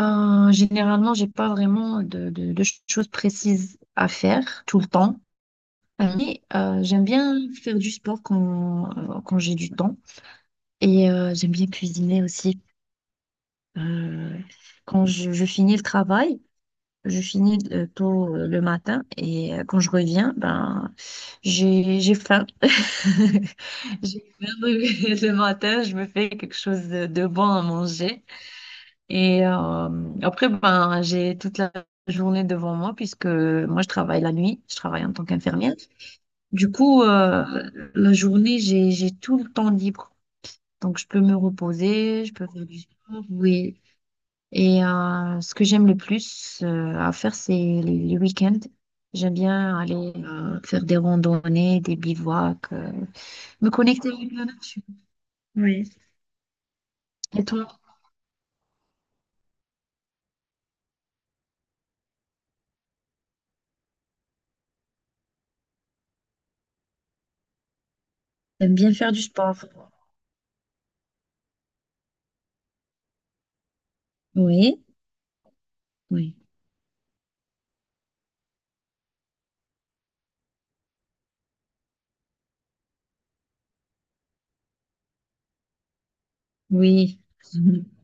Généralement, j'ai pas vraiment de choses précises à faire tout le temps, mais j'aime bien faire du sport quand, quand j'ai du temps et j'aime bien cuisiner aussi. Euh, Quand je finis le travail, je finis tôt le matin et quand je reviens, ben j'ai faim. J'ai faim le matin, je me fais quelque chose de bon à manger. Et après, ben, j'ai toute la journée devant moi puisque moi, je travaille la nuit, je travaille en tant qu'infirmière. Du coup, la journée, j'ai tout le temps libre. Donc, je peux me reposer, je peux faire du sport, oui. Et ce que j'aime le plus à faire, c'est les week-ends. J'aime bien aller faire des randonnées, des bivouacs, me connecter avec la nature. Oui. Et toi, t'aimes bien faire du sport? Oui, oui, oui.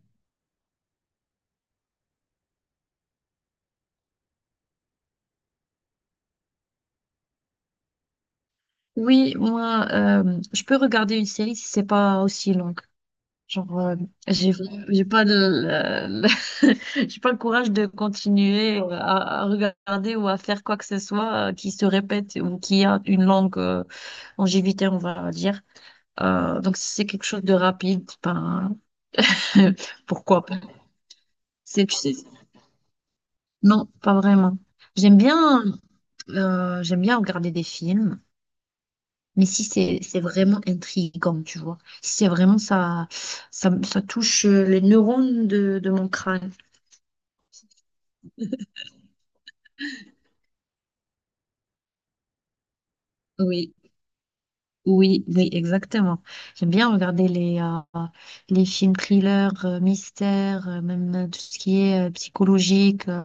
Oui, moi, je peux regarder une série si c'est pas aussi longue. Genre, j'ai j'ai pas de, j'ai pas le courage de continuer à regarder ou à faire quoi que ce soit qui se répète ou qui a une longue longévité, on va dire. Donc, si c'est quelque chose de rapide, ben, pourquoi pas. C'est, tu sais, non, pas vraiment. J'aime bien, j'aime bien regarder des films. Mais si c'est vraiment intriguant, tu vois. Si c'est vraiment ça, ça, ça touche les neurones de mon crâne. Oui, oui, oui, exactement. J'aime bien regarder les films thrillers, mystères, même tout ce qui est psychologique.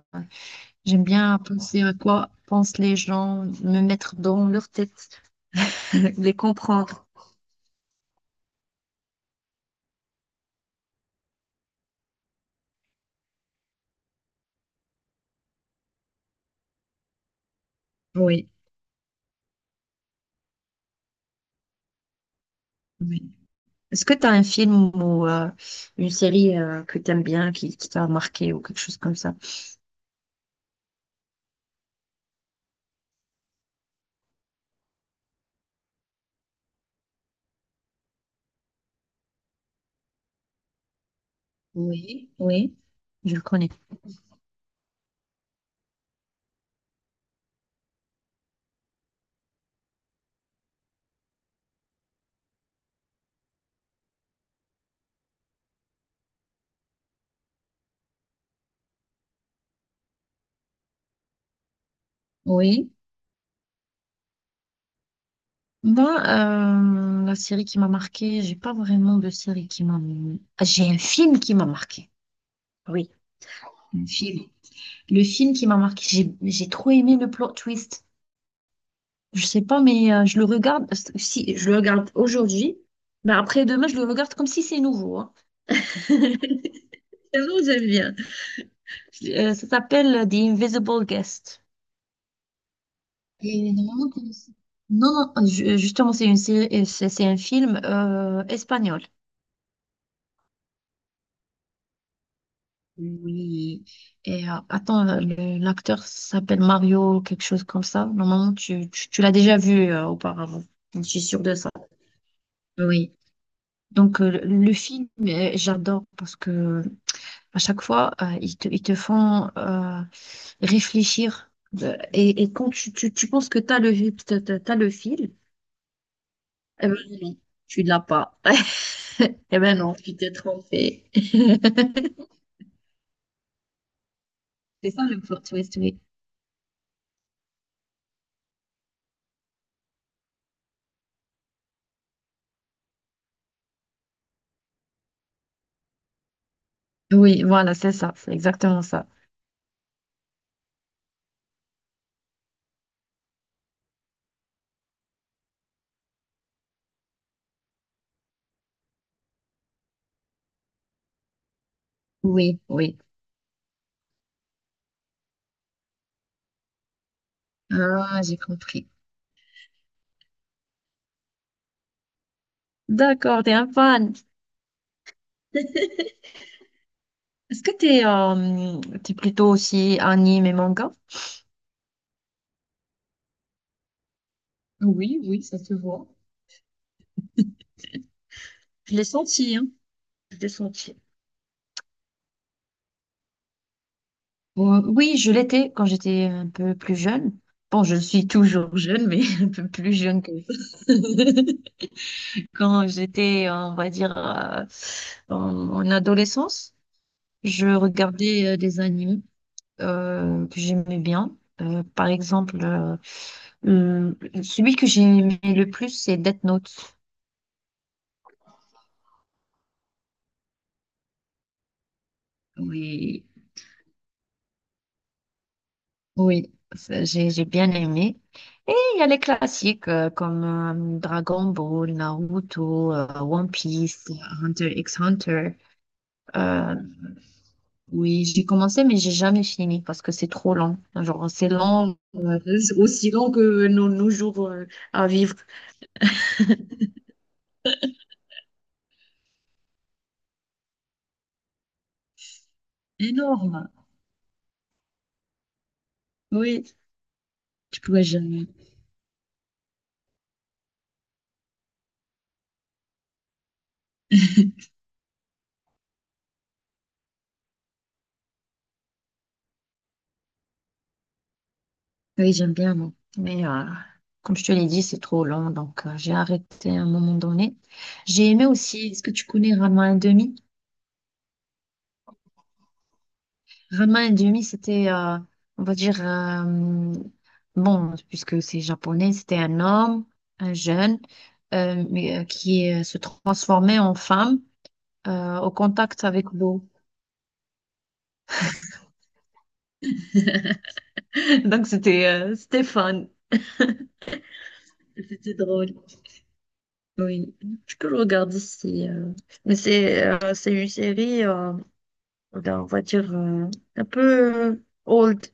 J'aime bien penser à quoi pensent les gens, me mettre dans leur tête, les comprendre. Oui, oui. Est-ce que tu as un film ou une série que tu aimes bien, qui t'a marqué ou quelque chose comme ça? Oui, oui, je le connais. Oui. Moi, la série qui m'a marquée, j'ai pas vraiment de série qui m'a... Ah, j'ai un film qui m'a marqué. Oui, un film. Le film qui m'a marqué, j'ai trop aimé le plot twist. Je sais pas, mais je le regarde, si je le regarde aujourd'hui, mais après demain, je le regarde comme si c'est nouveau. Hein. Tellement j'aime bien. Ça s'appelle The Invisible Guest. Et normalement, Non, non, justement, c'est une série, c'est un film espagnol. Oui. Et attends, l'acteur s'appelle Mario, quelque chose comme ça. Normalement, tu l'as déjà vu auparavant. Je suis sûre de ça. Oui. Donc, le film, j'adore parce que à chaque fois, ils te font réfléchir. Et quand tu penses que tu as t'as le fil, eh ben non, tu l'as pas. Eh ben non, tu t'es trompé. C'est ça le plot twist, oui. Oui, voilà, c'est ça, c'est exactement ça. Oui, oui. Ah, j'ai compris. D'accord, t'es un fan. Est-ce que t'es plutôt aussi anime et manga? Oui, oui, ça se voit. Je l'ai senti, hein. Je l'ai senti. Bon, oui, je l'étais quand j'étais un peu plus jeune. Bon, je suis toujours jeune, mais un peu plus jeune que quand j'étais, on va dire, en, en adolescence. Je regardais des animes que j'aimais bien. Par exemple, euh, celui que j'ai aimé le plus, c'est Death Note. Oui, oui, ça, j'ai bien aimé. Et il y a les classiques comme Dragon Ball, Naruto, One Piece, Hunter x Hunter. Euh, oui, j'ai commencé, mais j'ai jamais fini parce que c'est trop long. Genre, c'est long, aussi long que nos jours à vivre. Énorme. Oui. Du coup, ouais, oui, j'aime bien, moi. Mais comme je te l'ai dit, c'est trop long, donc j'ai arrêté à un moment donné. J'ai aimé aussi, est-ce que tu connais Rama un demi? Rama un demi, c'était, on va dire, bon, puisque c'est japonais, c'était un homme, un jeune, mais, qui se transformait en femme au contact avec l'eau. Donc, c'était fun, c'était drôle. Oui, je peux le regarder si. Mais c'est une série, on va dire, un peu old.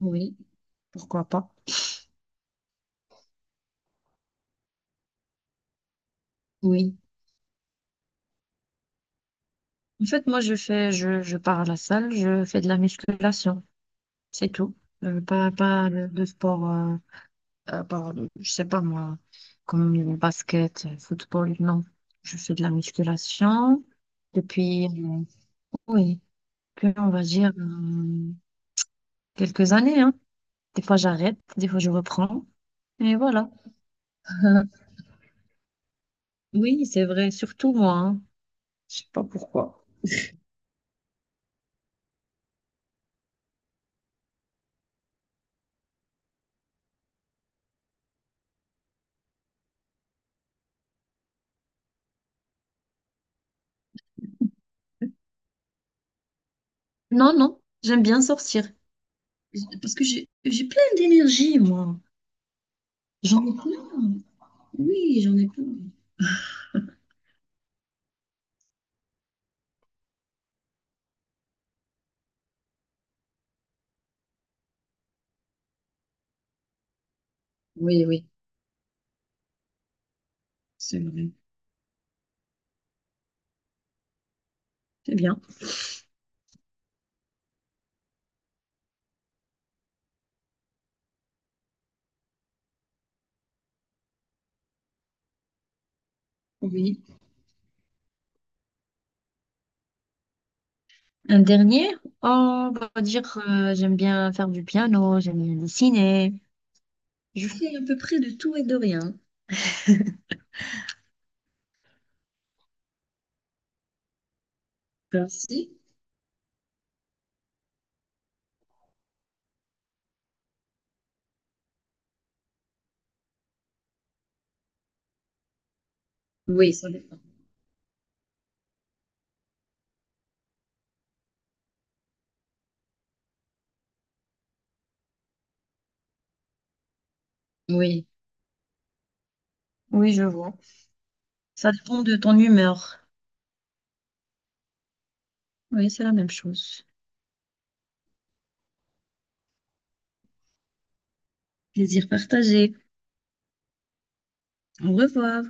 Oui, pourquoi pas. Oui. En fait, moi, je pars à la salle, je fais de la musculation, c'est tout. Pas de, de sport, euh, par- je sais pas moi, comme le basket, football, non. Je fais de la musculation depuis, oui, depuis, on va dire, quelques années, hein. Des fois, j'arrête, des fois, je reprends. Et voilà. Oui, c'est vrai, surtout moi. Hein. Je sais pas pourquoi. Non, non, j'aime bien sortir. Parce que j'ai plein d'énergie, moi. J'en ai plein. Oui, j'en ai plein. Oui, oui, c'est vrai. C'est bien. Oui. Un dernier? Oh, on va dire, j'aime bien faire du piano, j'aime bien dessiner. Je fais à peu près de tout et de rien. Merci. Oui, ça dépend. Oui, oui, je vois. Ça dépend de ton humeur. Oui, c'est la même chose. Plaisir partagé. Au revoir.